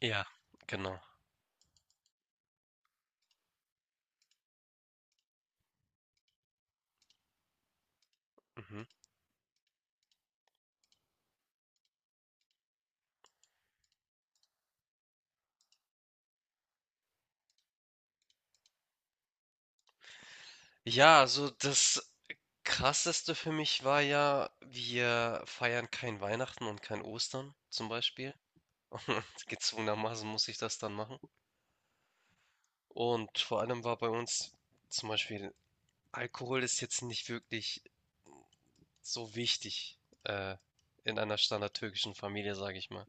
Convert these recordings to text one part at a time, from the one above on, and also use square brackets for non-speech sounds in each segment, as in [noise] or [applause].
Ja, genau. Mhm. Ja, also das Krasseste für mich war ja, wir feiern kein Weihnachten und kein Ostern zum Beispiel. [laughs] Und gezwungenermaßen muss ich das dann machen. Und vor allem war bei uns zum Beispiel, Alkohol ist jetzt nicht wirklich so wichtig äh, in einer standardtürkischen Familie, sage ich mal.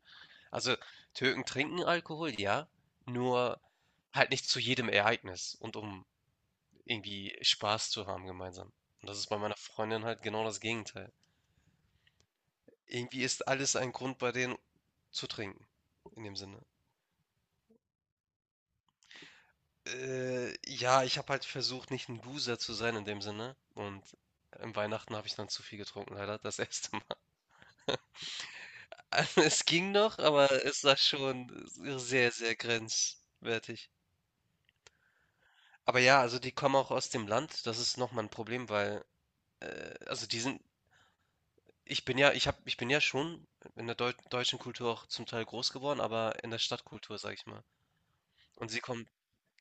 Also Türken trinken Alkohol, ja, nur halt nicht zu jedem Ereignis und um irgendwie Spaß zu haben gemeinsam. Und das ist bei meiner Freundin halt genau das Gegenteil. Irgendwie ist alles ein Grund bei denen zu trinken, in dem Sinne. Ja, ich habe halt versucht, nicht ein Loser zu sein in dem Sinne. Und im Weihnachten habe ich dann zu viel getrunken, leider, das erste Mal. [laughs] Also, es ging noch, aber es war schon sehr, sehr grenzwertig. Aber ja, also die kommen auch aus dem Land, das ist nochmal ein Problem, weil, also die sind Ich bin ja schon in der deutschen Kultur auch zum Teil groß geworden, aber in der Stadtkultur, sag ich mal. Und sie kommen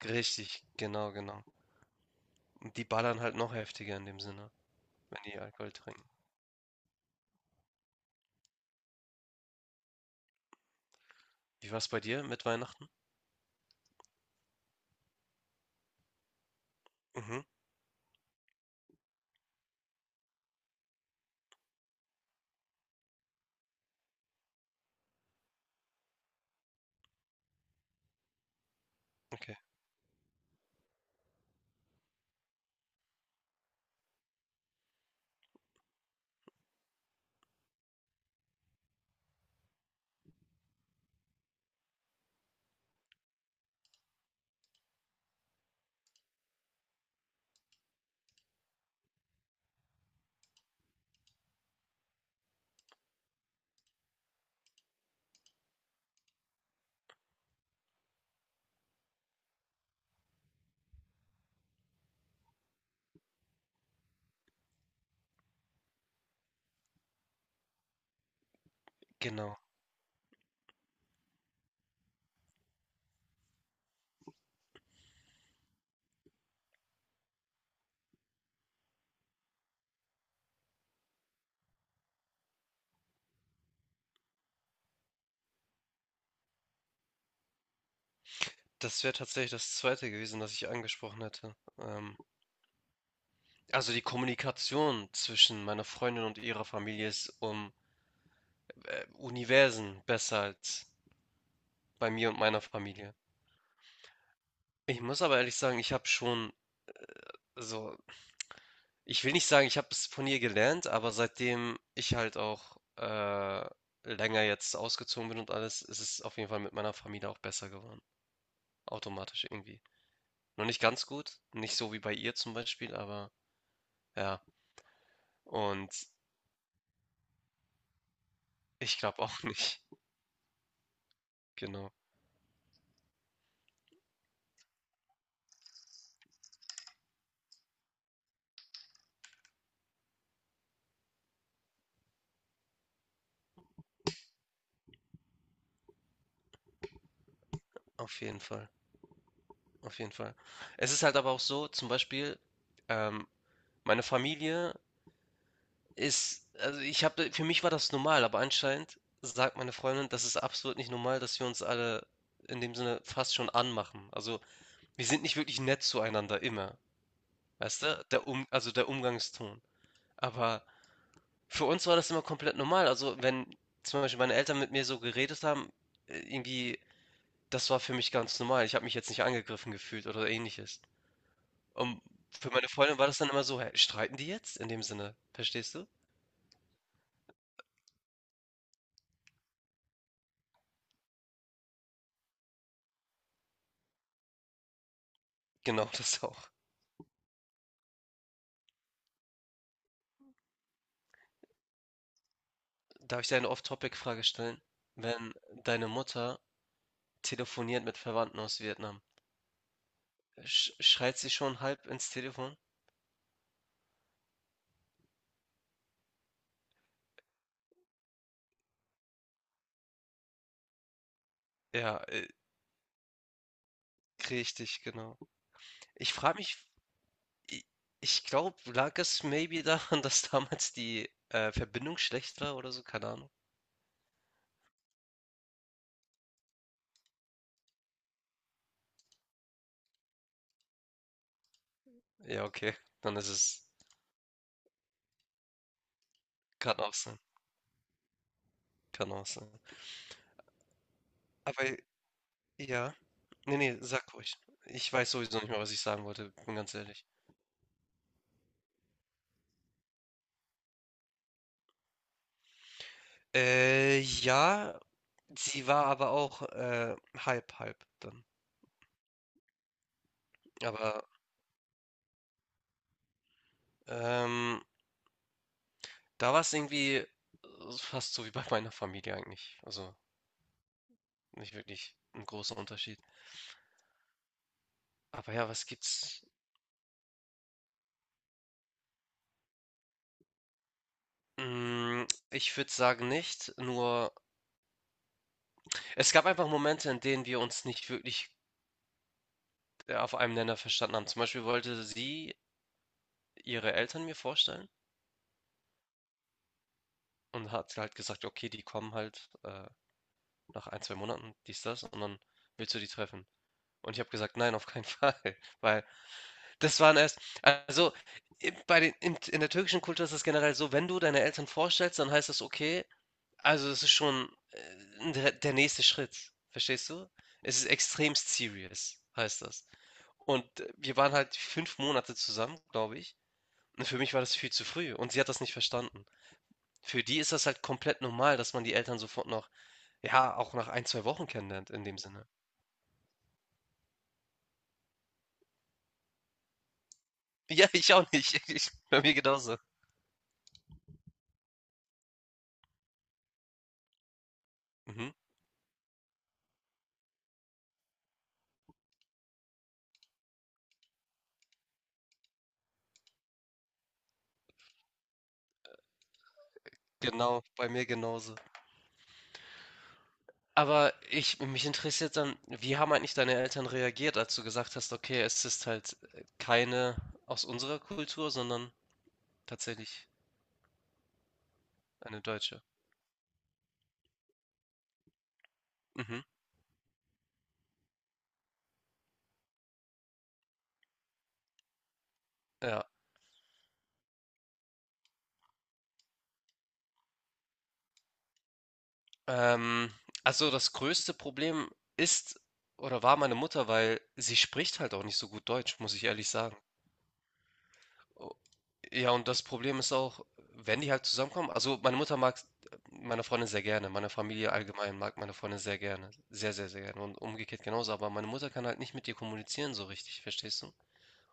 richtig, genau, genau. Und die ballern halt noch heftiger in dem Sinne, wenn die Alkohol trinken. Wie war es bei dir mit Weihnachten? Mhm, okay, genau. Das wäre tatsächlich das Zweite gewesen, das ich angesprochen hätte. Also die Kommunikation zwischen meiner Freundin und ihrer Familie ist um Universen besser als bei mir und meiner Familie. Ich muss aber ehrlich sagen, ich habe schon so Ich will nicht sagen, ich habe es von ihr gelernt, aber seitdem ich halt auch länger jetzt ausgezogen bin und alles, ist es auf jeden Fall mit meiner Familie auch besser geworden. Automatisch irgendwie. Noch nicht ganz gut, nicht so wie bei ihr zum Beispiel, aber ja. Und ich glaube auch [laughs] nicht. Genau, auf jeden Fall. Auf jeden Fall. Es ist halt aber auch so, zum Beispiel, ähm, meine Familie ist also, ich habe für mich war das normal, aber anscheinend sagt meine Freundin, das ist absolut nicht normal, dass wir uns alle in dem Sinne fast schon anmachen. Also, wir sind nicht wirklich nett zueinander immer, weißt du? Der Um also der Umgangston. Aber für uns war das immer komplett normal. Also, wenn zum Beispiel meine Eltern mit mir so geredet haben, irgendwie, das war für mich ganz normal. Ich habe mich jetzt nicht angegriffen gefühlt oder Ähnliches. Und für meine Freundin war das dann immer so, hä, streiten die jetzt? In dem Sinne, verstehst du? Genau, [laughs] das auch. Darf ich dir eine Off-Topic-Frage stellen? Wenn deine Mutter telefoniert mit Verwandten aus Vietnam, schreit sie schon halb ins Telefon? Ja, richtig, genau. Ich frage mich, i- ich glaube, lag es maybe daran, [laughs] dass damals die Verbindung schlecht war oder so? Keine Ahnung. Ja, okay, dann ist es, kann auch sein, kann auch sein. Aber ja, nee, nee, sag ruhig. Ich weiß sowieso nicht mehr, was ich sagen wollte, bin ganz ehrlich. Ja, sie war aber auch, halb halb dann. Aber, ähm, da war es irgendwie, fast so wie bei meiner Familie eigentlich. Also, nicht wirklich ein großer Unterschied. Aber ja, was gibt's? Ich würde sagen nicht, nur es gab einfach Momente, in denen wir uns nicht wirklich, auf einem Nenner verstanden haben. Zum Beispiel wollte sie ihre Eltern mir vorstellen und hat halt gesagt: „Okay, die kommen halt, nach 1, 2 Monaten, dies, das und dann willst du die treffen?" Und ich habe gesagt, nein, auf keinen Fall, [laughs] weil das waren erst, also bei den, in der türkischen Kultur ist es generell so, wenn du deine Eltern vorstellst, dann heißt das okay, also das ist schon der nächste Schritt, verstehst du? Es ist extrem serious, heißt das. Und wir waren halt 5 Monate zusammen, glaube ich. Und für mich war das viel zu früh und sie hat das nicht verstanden. Für die ist das halt komplett normal, dass man die Eltern sofort noch, ja, auch nach 1, 2 Wochen kennenlernt, in dem Sinne. [laughs] Ja, ich auch nicht. [laughs] Bei mir genauso. Mhm. Genau, bei mir genauso. Aber ich mich interessiert dann, wie haben eigentlich deine Eltern reagiert, als du gesagt hast, okay, es ist halt keine aus unserer Kultur, sondern tatsächlich eine deutsche. Mhm, ja. Ähm, also das größte Problem ist oder war meine Mutter, weil sie spricht halt auch nicht so gut Deutsch, muss ich ehrlich sagen. Ja, und das Problem ist auch, wenn die halt zusammenkommen, also meine Mutter mag meine Freundin sehr gerne, meine Familie allgemein mag meine Freundin sehr gerne, sehr, sehr, sehr gerne und umgekehrt genauso, aber meine Mutter kann halt nicht mit ihr kommunizieren so richtig, verstehst du?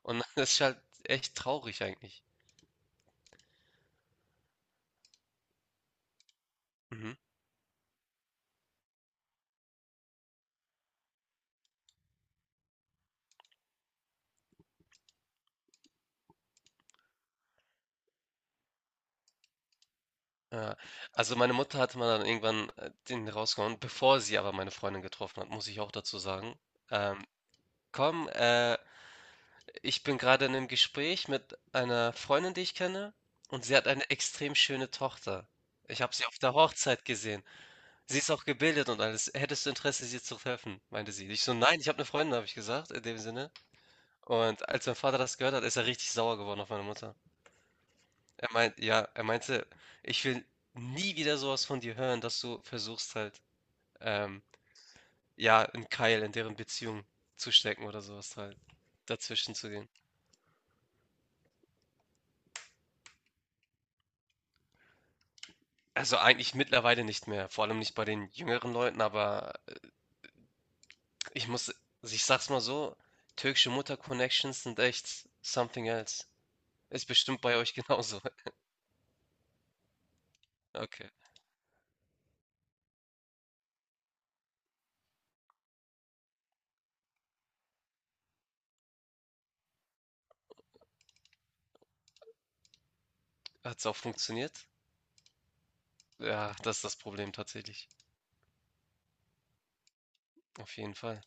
Und [laughs] das ist halt echt traurig eigentlich. Mhm. Ja. Also meine Mutter hatte mal dann irgendwann den rausgehauen, bevor sie aber meine Freundin getroffen hat, muss ich auch dazu sagen. Ähm, komm. Ich bin gerade in einem Gespräch mit einer Freundin, die ich kenne, und sie hat eine extrem schöne Tochter. Ich habe sie auf der Hochzeit gesehen. Sie ist auch gebildet und alles. „Hättest du Interesse, sie zu treffen?", meinte sie. Ich so: „Nein, ich habe eine Freundin", habe ich gesagt in dem Sinne. Und als mein Vater das gehört hat, ist er richtig sauer geworden auf meine Mutter. Er meint ja, er meinte: „Ich will nie wieder sowas von dir hören, dass du versuchst halt, ähm, ja, 'n Keil in deren Beziehung zu stecken oder sowas halt, dazwischen zu gehen." Also eigentlich mittlerweile nicht mehr, vor allem nicht bei den jüngeren Leuten, aber ich muss, also, ich sag's mal so, türkische Mutter-Connections sind echt something else. Ist bestimmt bei euch genauso. [laughs] Okay. Hat's auch funktioniert? Ja, das ist das Problem tatsächlich. Auf jeden Fall.